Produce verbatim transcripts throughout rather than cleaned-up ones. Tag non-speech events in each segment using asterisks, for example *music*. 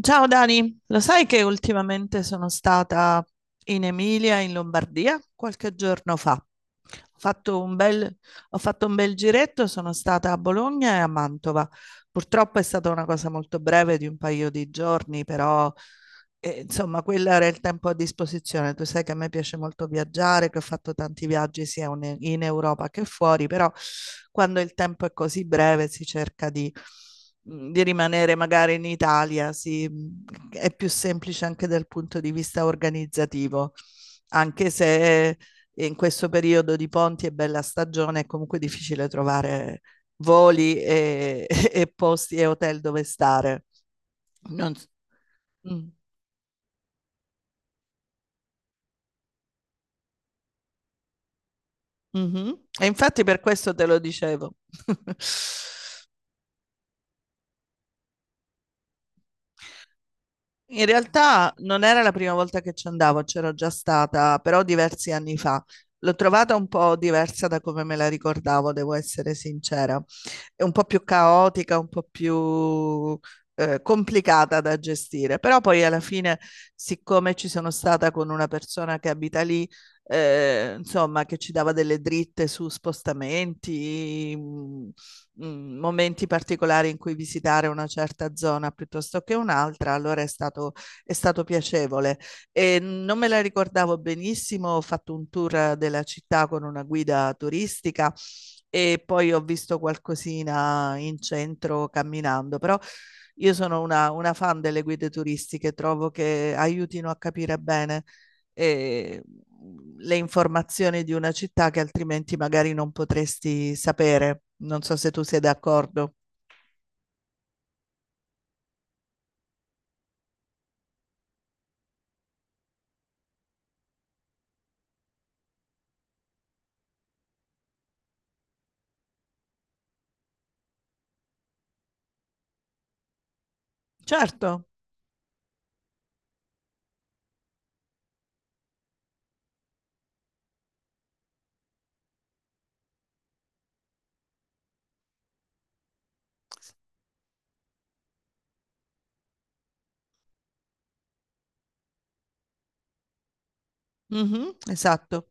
Ciao Dani, lo sai che ultimamente sono stata in Emilia, in Lombardia, qualche giorno fa. Ho fatto un bel, ho fatto un bel giretto, sono stata a Bologna e a Mantova. Purtroppo è stata una cosa molto breve di un paio di giorni, però eh, insomma quello era il tempo a disposizione. Tu sai che a me piace molto viaggiare, che ho fatto tanti viaggi sia un- in Europa che fuori, però quando il tempo è così breve si cerca di mhmm, di rimanere magari in Italia, sì, mhmm, è più semplice anche dal punto di vista organizzativo, anche se in questo periodo di ponti e bella stagione è comunque difficile trovare voli e, *laughs* e posti e hotel dove stare. Non s- Mm. Mhm. E infatti per questo te lo dicevo. *laughs* In realtà non era la prima volta che ci andavo, c'ero già stata, però diversi anni fa. L'ho trovata un po' diversa da come me la ricordavo, devo essere sincera. È un po' più caotica, un po' più eh, complicata da gestire, però poi alla fine, siccome ci sono stata con una persona che abita lì, eh, insomma, che ci dava delle dritte su spostamenti, mh, mh, momenti particolari in cui visitare una certa zona piuttosto che un'altra, allora è stato, è stato piacevole. E non me la ricordavo benissimo, ho fatto un tour della città con una guida turistica e poi ho visto qualcosina in centro camminando, però io sono una, una fan delle guide turistiche, trovo che aiutino a capire bene eh, le informazioni di una città che altrimenti magari non potresti sapere. Non so se tu sei d'accordo. Certo. Mhm. Esatto.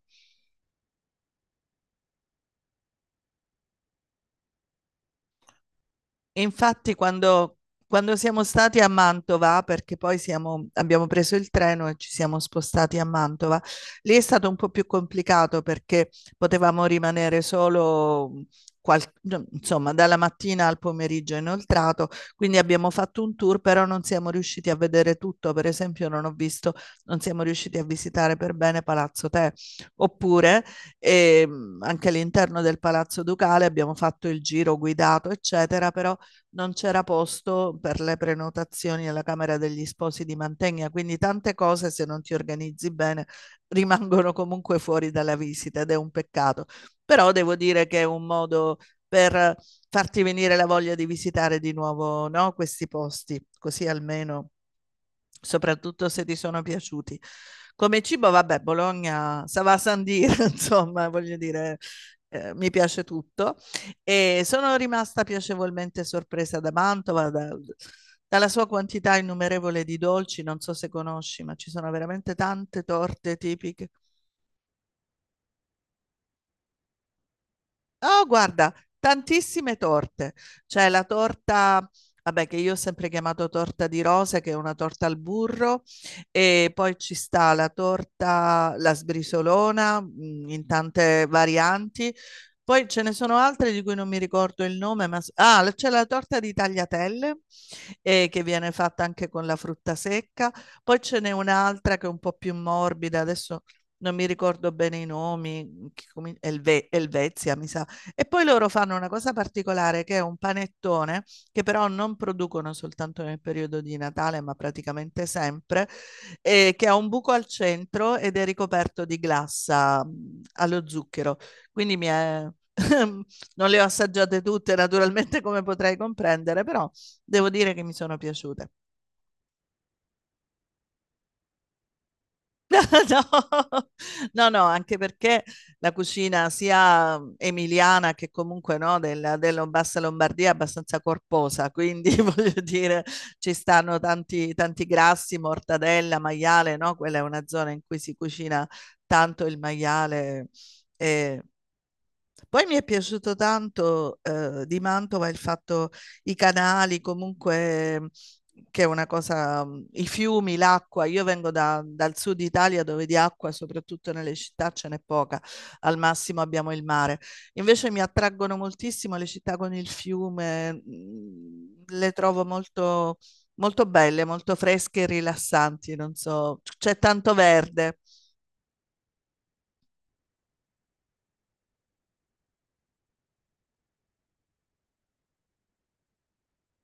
E infatti quando, quando siamo stati a Mantova, perché poi siamo- abbiamo preso il treno e ci siamo spostati a Mantova, lì è stato un po' più complicato perché potevamo rimanere solo, qual- insomma, dalla mattina al pomeriggio inoltrato, quindi abbiamo fatto un tour, però non siamo riusciti a vedere tutto. Per esempio, non ho visto, non siamo riusciti a visitare per bene Palazzo Te, oppure ehm, anche all'interno del Palazzo Ducale abbiamo fatto il giro guidato, eccetera, però non c'era posto per le prenotazioni alla Camera degli Sposi di Mantegna, quindi tante cose se non ti organizzi bene rimangono comunque fuori dalla visita ed è un peccato. Però devo dire che è un modo per farti venire la voglia di visitare di nuovo, no, questi posti, così almeno soprattutto se ti sono piaciuti. Come cibo, vabbè, Bologna, ça va sans dire, *laughs* insomma, voglio dire, eh, mi piace tutto. E sono rimasta piacevolmente sorpresa da Mantova, da- dalla sua quantità innumerevole di dolci, non so se conosci, ma ci sono veramente tante torte tipiche. Oh, guarda, tantissime torte. C'è la torta, vabbè, che io ho sempre chiamato torta di rose, che è una torta al burro, e poi ci sta la torta, la sbrisolona, mh, in tante varianti. Poi ce ne sono altre di cui non mi ricordo il nome, ma s- ah, c'è la torta di tagliatelle, eh, che viene fatta anche con la frutta secca. Poi ce n'è un'altra che è un po' più morbida, adesso non mi ricordo bene i nomi, che comin- Elve- Elvezia, mi sa. E poi loro fanno una cosa particolare che è un panettone, che però non producono soltanto nel periodo di Natale, ma praticamente sempre, eh, che ha un buco al centro ed è ricoperto di glassa mh, allo zucchero. Quindi mi è. *laughs* Non le ho assaggiate tutte, naturalmente, come potrei comprendere, però devo dire che mi sono piaciute. *laughs* No, no, no, anche perché la cucina sia emiliana che comunque, no, della, della bassa Lombardia è abbastanza corposa, quindi *laughs* voglio dire ci stanno tanti, tanti grassi, mortadella, maiale, no? Quella è una zona in cui si cucina tanto il maiale. E poi mi è piaciuto tanto, ehm, di Mantova il fatto, i canali comunque, che è una cosa mhmm, i fiumi, l'acqua. Io vengo da dal sud Italia dove di acqua, soprattutto nelle città, ce n'è poca, al massimo abbiamo il mare. Invece mi attraggono moltissimo le città con il fiume, mhmm, le trovo molto molto belle, molto fresche e rilassanti, non so, c c'è tanto verde.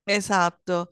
Esatto.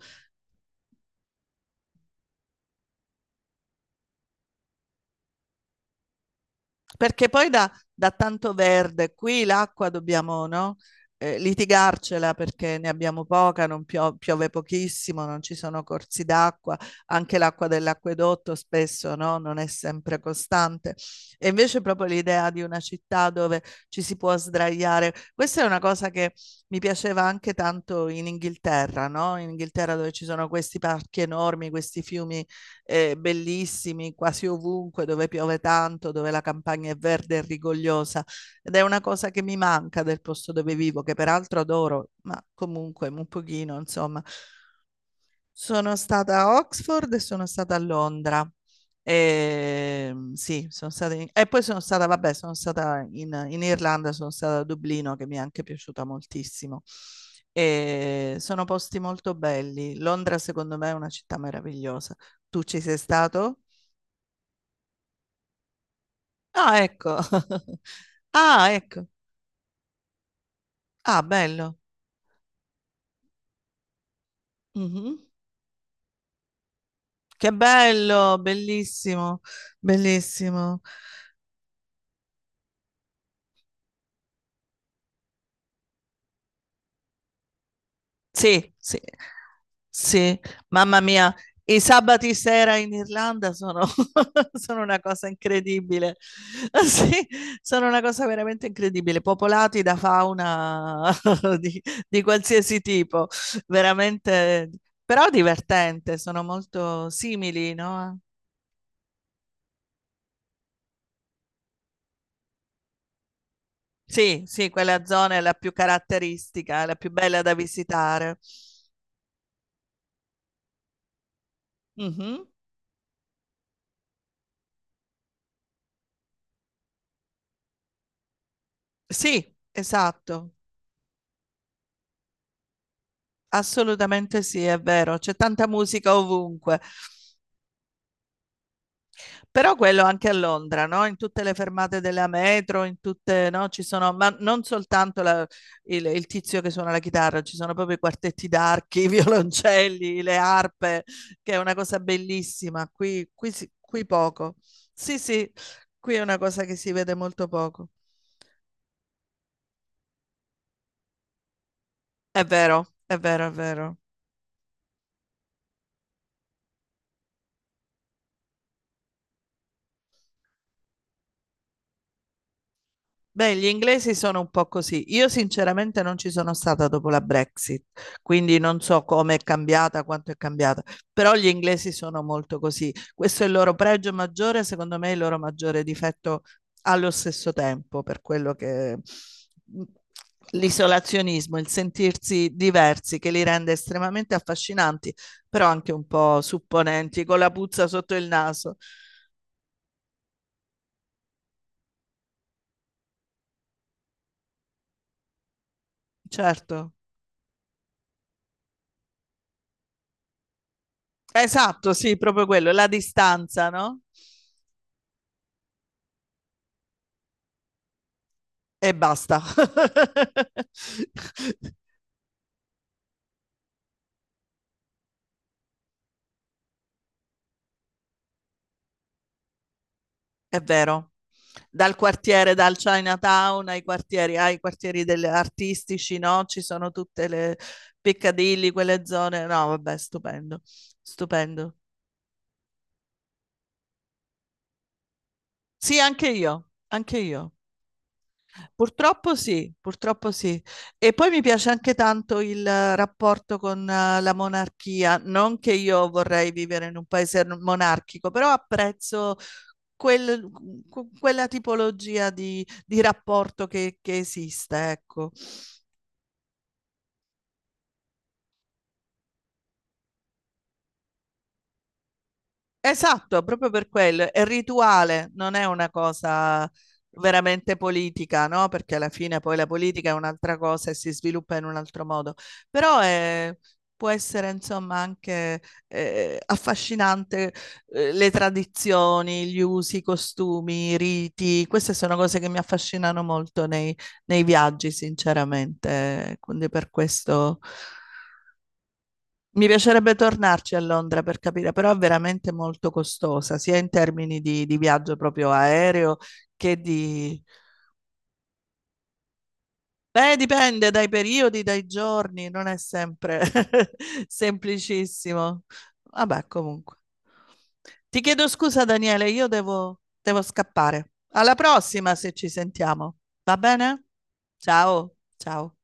Perché poi da, da tanto verde, qui l'acqua dobbiamo, no, eh, litigarcela perché ne abbiamo poca, non pio- piove pochissimo, non ci sono corsi d'acqua, anche l'acqua dell'acquedotto spesso, no, non è sempre costante. E invece proprio l'idea di una città dove ci si può sdraiare, questa è una cosa che mi piaceva anche tanto in Inghilterra, no? In Inghilterra dove ci sono questi parchi enormi, questi fiumi eh, bellissimi quasi ovunque, dove piove tanto, dove la campagna è verde e rigogliosa. Ed è una cosa che mi manca del posto dove vivo, che peraltro adoro, ma comunque un pochino, insomma, sono stata a Oxford e sono stata a Londra. Ehm, sì, sono stata in- E poi sono stata, vabbè, sono stata in, in Irlanda, sono stata a Dublino, che mi è anche piaciuta moltissimo. E sono posti molto belli. Londra, secondo me, è una città meravigliosa. Tu ci sei stato? Ah, ecco. *laughs* Ah, ecco. Ah, bello. Mhm. Che bello, bellissimo, bellissimo. Sì, sì, sì, mamma mia, i sabati sera in Irlanda sono *laughs* sono una cosa incredibile. *laughs* Sì, sono una cosa veramente incredibile, popolati da fauna *laughs* di di qualsiasi tipo, veramente però divertente, sono molto simili, no, sì, sì, quella zona è la più caratteristica, è la più bella da visitare. Mh-mh. Sì, esatto. Assolutamente sì, è vero, c'è tanta musica ovunque. Però quello anche a Londra, no? In tutte le fermate della metro, in tutte, no? Ci sono, ma non soltanto la- il, il tizio che suona la chitarra, ci sono proprio i quartetti d'archi, *laughs* i violoncelli, le arpe, che è una cosa bellissima. Qui, qui si- qui poco. Sì, sì, qui è una cosa che si vede molto poco. È vero, è vero, è vero. Beh, gli inglesi sono un po' così. Io sinceramente non ci sono stata dopo la Brexit, quindi non so come è cambiata, quanto è cambiata, però gli inglesi sono molto così. Questo è il loro pregio maggiore, secondo me è il loro maggiore difetto allo stesso tempo, per quello che mm, l'isolazionismo, il sentirsi diversi che li rende estremamente affascinanti, però anche un po' supponenti, con la puzza sotto il naso. Certo. Esatto, sì, proprio quello, la distanza, no? E basta. *laughs* È vero. Dal quartiere, dal Chinatown ai quartieri, ai quartieri delle- artistici, no? Ci sono tutte le Piccadilly, quelle zone. No, vabbè, stupendo, stupendo. Sì, anche io, anche io. Purtroppo sì, purtroppo sì. E poi mi piace anche tanto il eh, rapporto con eh, la monarchia, non che io vorrei vivere in un paese monarchico, però apprezzo quel- qu- quella tipologia di, di rapporto che, che esiste, ecco. Esatto, proprio per quello. È rituale, non è una cosa veramente politica, no? Perché alla fine poi la politica è un'altra cosa e si sviluppa in un altro modo. Però è- può essere, insomma, anche eh, affascinante, eh, le tradizioni, gli usi, i costumi, i riti. Queste sono cose che mi affascinano molto nei, nei viaggi, sinceramente. Quindi per questo. Mi piacerebbe tornarci a Londra per capire, però è veramente molto costosa, sia in termini di, di viaggio proprio aereo che di. Beh, dipende dai periodi, dai giorni, non è sempre *laughs* semplicissimo. Vabbè, comunque. Ti chiedo scusa, Daniele, io devo, devo scappare. Alla prossima se ci sentiamo. Va bene? Ciao, ciao.